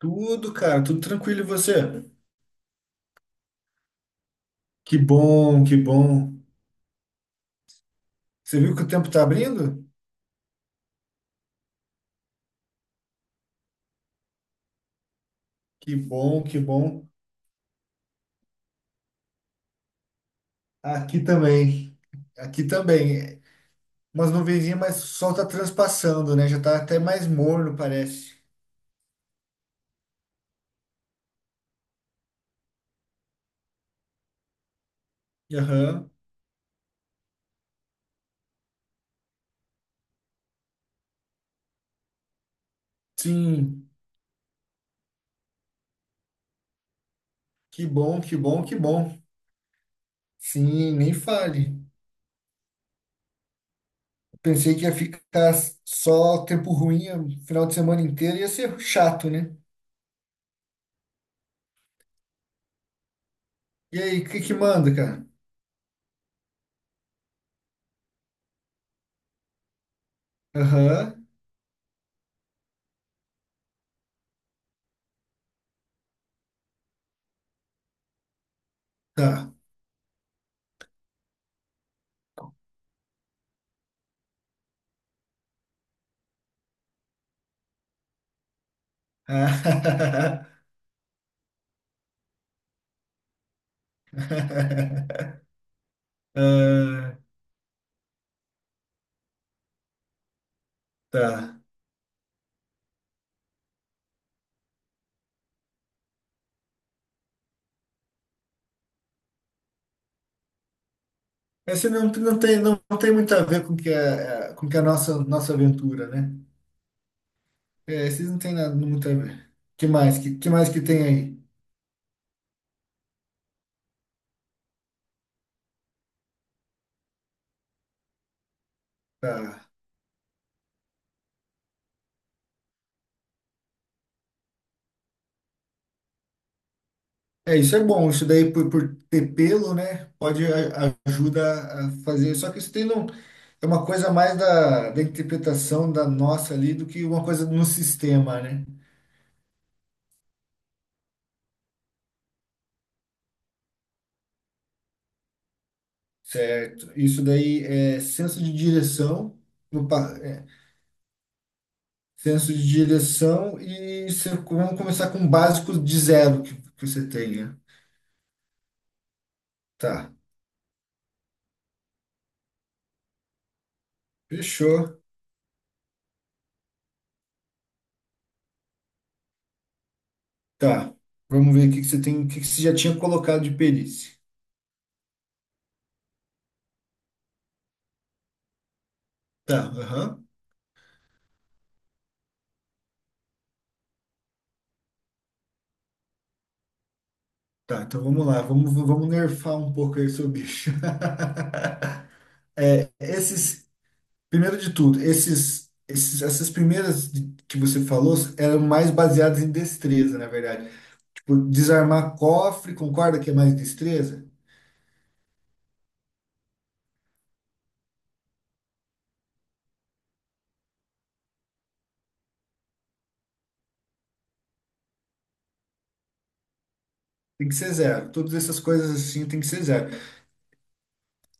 Tudo, cara, tudo tranquilo e você? Que bom, que bom. Você viu que o tempo tá abrindo? Que bom, que bom. Aqui também. Aqui também. Umas nuvenzinhas, mas o sol tá transpassando, né? Já tá até mais morno, parece. Aham. Sim. Que bom, que bom, que bom. Sim, nem fale. Pensei que ia ficar só tempo ruim o final de semana inteiro, ia ser chato, né? E aí, o que que manda, cara? Aham. Tá. Ah, tá. Esse não, não tem, não, tem muito a ver com que a nossa, nossa aventura, né? É, esses não tem nada muito a ver. Que mais? Que mais que tem aí? Tá. É, isso é bom. Isso daí, por ter pelo, né? Pode ajuda a fazer. Só que isso tem não, é uma coisa mais da interpretação da nossa ali do que uma coisa no sistema, né? Certo. Isso daí é senso de direção. Senso de direção e você, vamos começar com básicos de zero que você tenha. Tá, fechou. Tá, vamos ver o que você tem, o que você já tinha colocado de perícia. Tá, aham. Tá, então vamos lá, vamos, vamos nerfar um pouco aí seu bicho. Esses, primeiro de tudo, esses, esses, essas primeiras que você falou eram mais baseadas em destreza, na verdade. Tipo, desarmar cofre, concorda que é mais destreza? Tem que ser zero. Todas essas coisas assim tem que ser zero.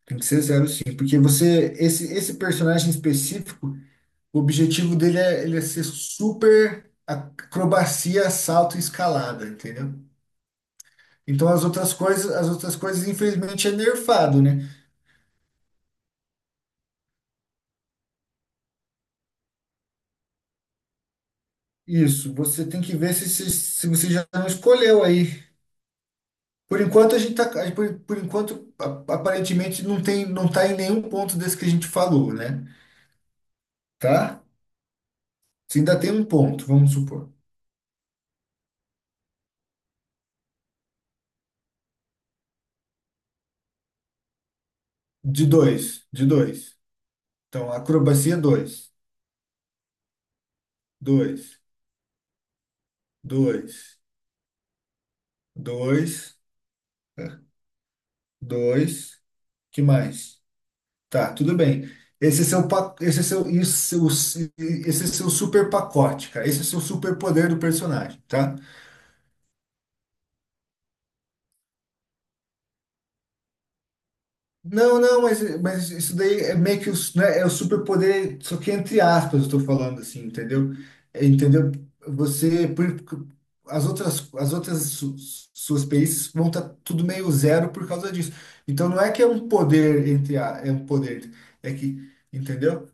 Tem que ser zero, sim. Porque você, esse personagem específico, o objetivo dele é, ele é ser super acrobacia, salto e escalada, entendeu? Então as outras coisas, infelizmente, é nerfado, né? Isso, você tem que ver se você já não escolheu aí. Por enquanto a gente tá, por enquanto aparentemente não tem, não tá em nenhum ponto desse que a gente falou, né? Tá? Se ainda tem um ponto, vamos supor. De dois, de dois. Então, acrobacia dois. Dois, dois, dois, é, dois. Que mais? Tá, tudo bem. Esse é seu, esse é seu, isso, esse é seu super pacote, cara. Esse é seu super poder do personagem, tá? Não, não, mas isso daí é meio que os, né, é o superpoder, só que entre aspas eu estou falando assim, entendeu? É, entendeu? Você, as outras suas perícias vão estar tudo meio zero por causa disso. Então não é que é um poder entre a, é um poder, é que, entendeu?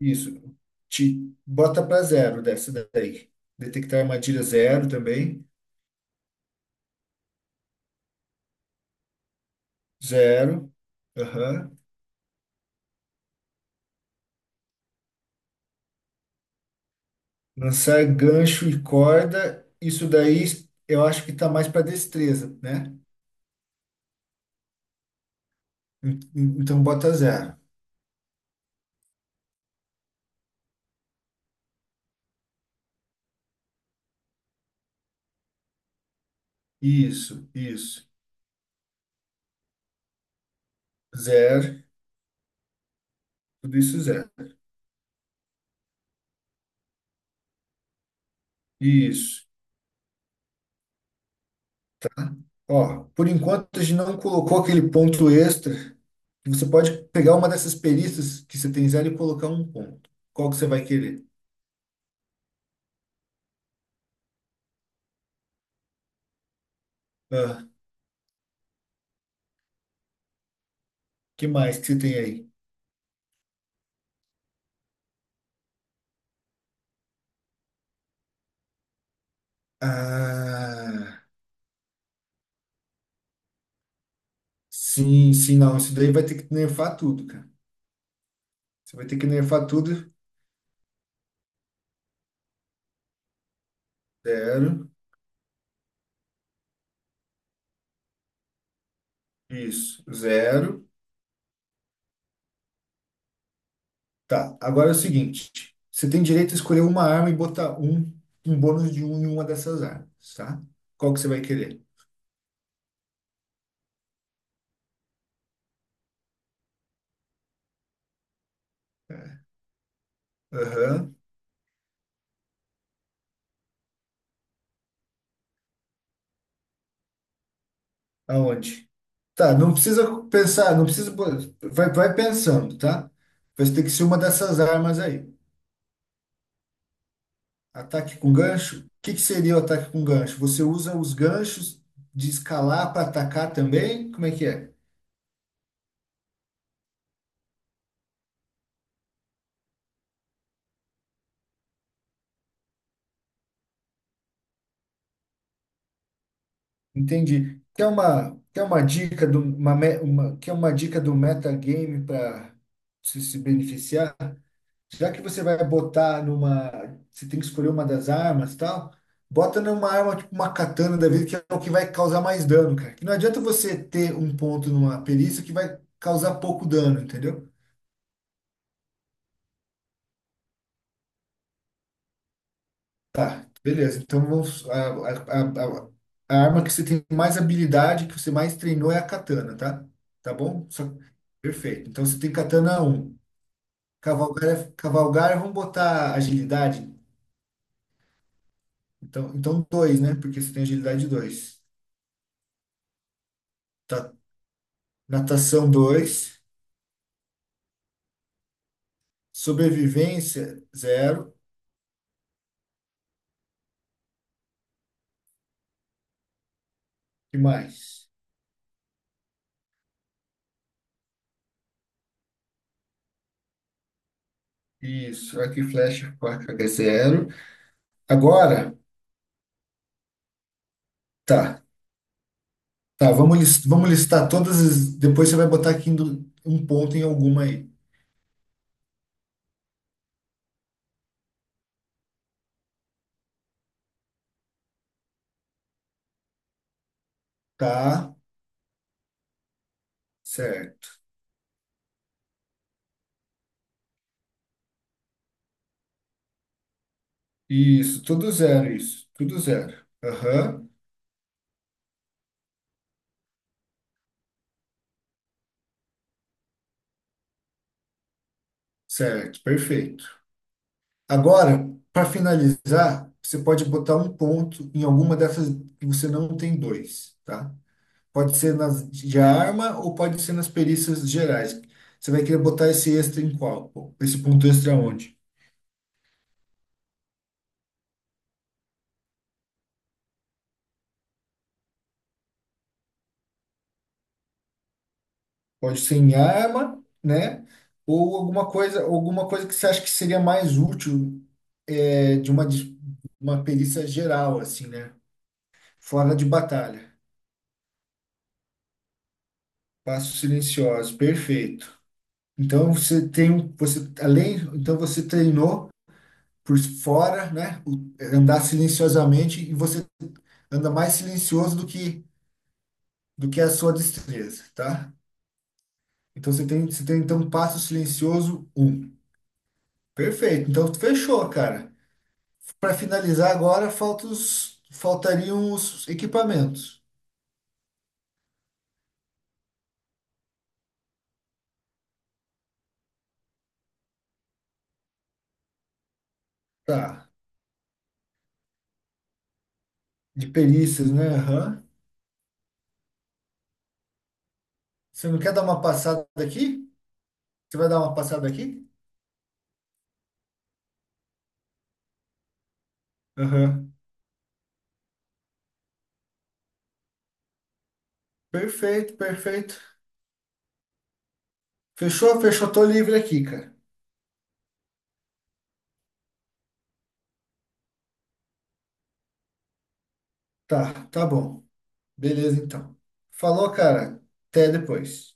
Isso, te bota para zero dessa daí. Detectar armadilha zero também, zero, aham. Lançar gancho e corda, isso daí eu acho que tá mais para destreza, né? Então bota zero. Isso, isso. Zero, tudo isso zero. Isso. Ó, por enquanto a gente não colocou aquele ponto extra, que você pode pegar uma dessas perícias que você tem zero e colocar um ponto. Qual que você vai querer? Ah, que mais que você tem aí? Ah, sim, sim, não. Isso daí vai ter que nerfar tudo, cara. Você vai ter que nerfar tudo. Zero. Isso, zero. Tá, agora é o seguinte: você tem direito a escolher uma arma e botar um, um bônus de um em uma dessas armas, tá? Qual que você vai querer? Aham, aonde? Tá, não precisa pensar, não precisa. Vai, vai pensando, tá? Vai ter que ser uma dessas armas aí. Ataque com gancho? O que que seria o ataque com gancho? Você usa os ganchos de escalar para atacar também? Como é que é? Entendi. Quer uma dica do, uma, uma, quer uma dica do metagame para se beneficiar? Já que você vai botar numa. Você tem que escolher uma das armas e tal, bota numa arma tipo uma katana da vida, que é o que vai causar mais dano, cara. Que não adianta você ter um ponto numa perícia que vai causar pouco dano, entendeu? Tá, beleza. Então vamos. A, a a arma que você tem mais habilidade, que você mais treinou é a katana, tá? Tá bom? Perfeito. Então você tem katana um. Cavalgar, cavalgar, vamos botar agilidade. Então, então dois, né? Porque você tem agilidade dois. Tá, natação dois. Sobrevivência zero. E mais? Isso. Arco e flecha, faca é 0. Agora, tá. Tá, vamos, vamos listar todas as. Depois você vai botar aqui um ponto em alguma aí. Tá, certo. Isso, tudo zero, isso. Tudo zero. Aham, certo, perfeito. Agora, para finalizar, você pode botar um ponto em alguma dessas que você não tem dois, tá? Pode ser nas de arma ou pode ser nas perícias gerais. Você vai querer botar esse extra em qual? Pô? Esse ponto extra onde? Pode ser em arma, né? Ou alguma coisa que você acha que seria mais útil é, de uma, uma perícia geral, assim, né? Fora de batalha. Passos silenciosos, perfeito. Então você tem, você além, então você treinou por fora, né? O andar silenciosamente e você anda mais silencioso do que a sua destreza, tá? Então você tem então um passo silencioso um. Perfeito. Então fechou, cara. Para finalizar agora, faltariam os equipamentos. Tá. De perícias, né? Aham. Você não quer dar uma passada aqui? Você vai dar uma passada aqui? Aham. Perfeito, perfeito. Fechou, fechou. Tô livre aqui, cara. Tá, tá bom. Beleza, então. Falou, cara. Até depois.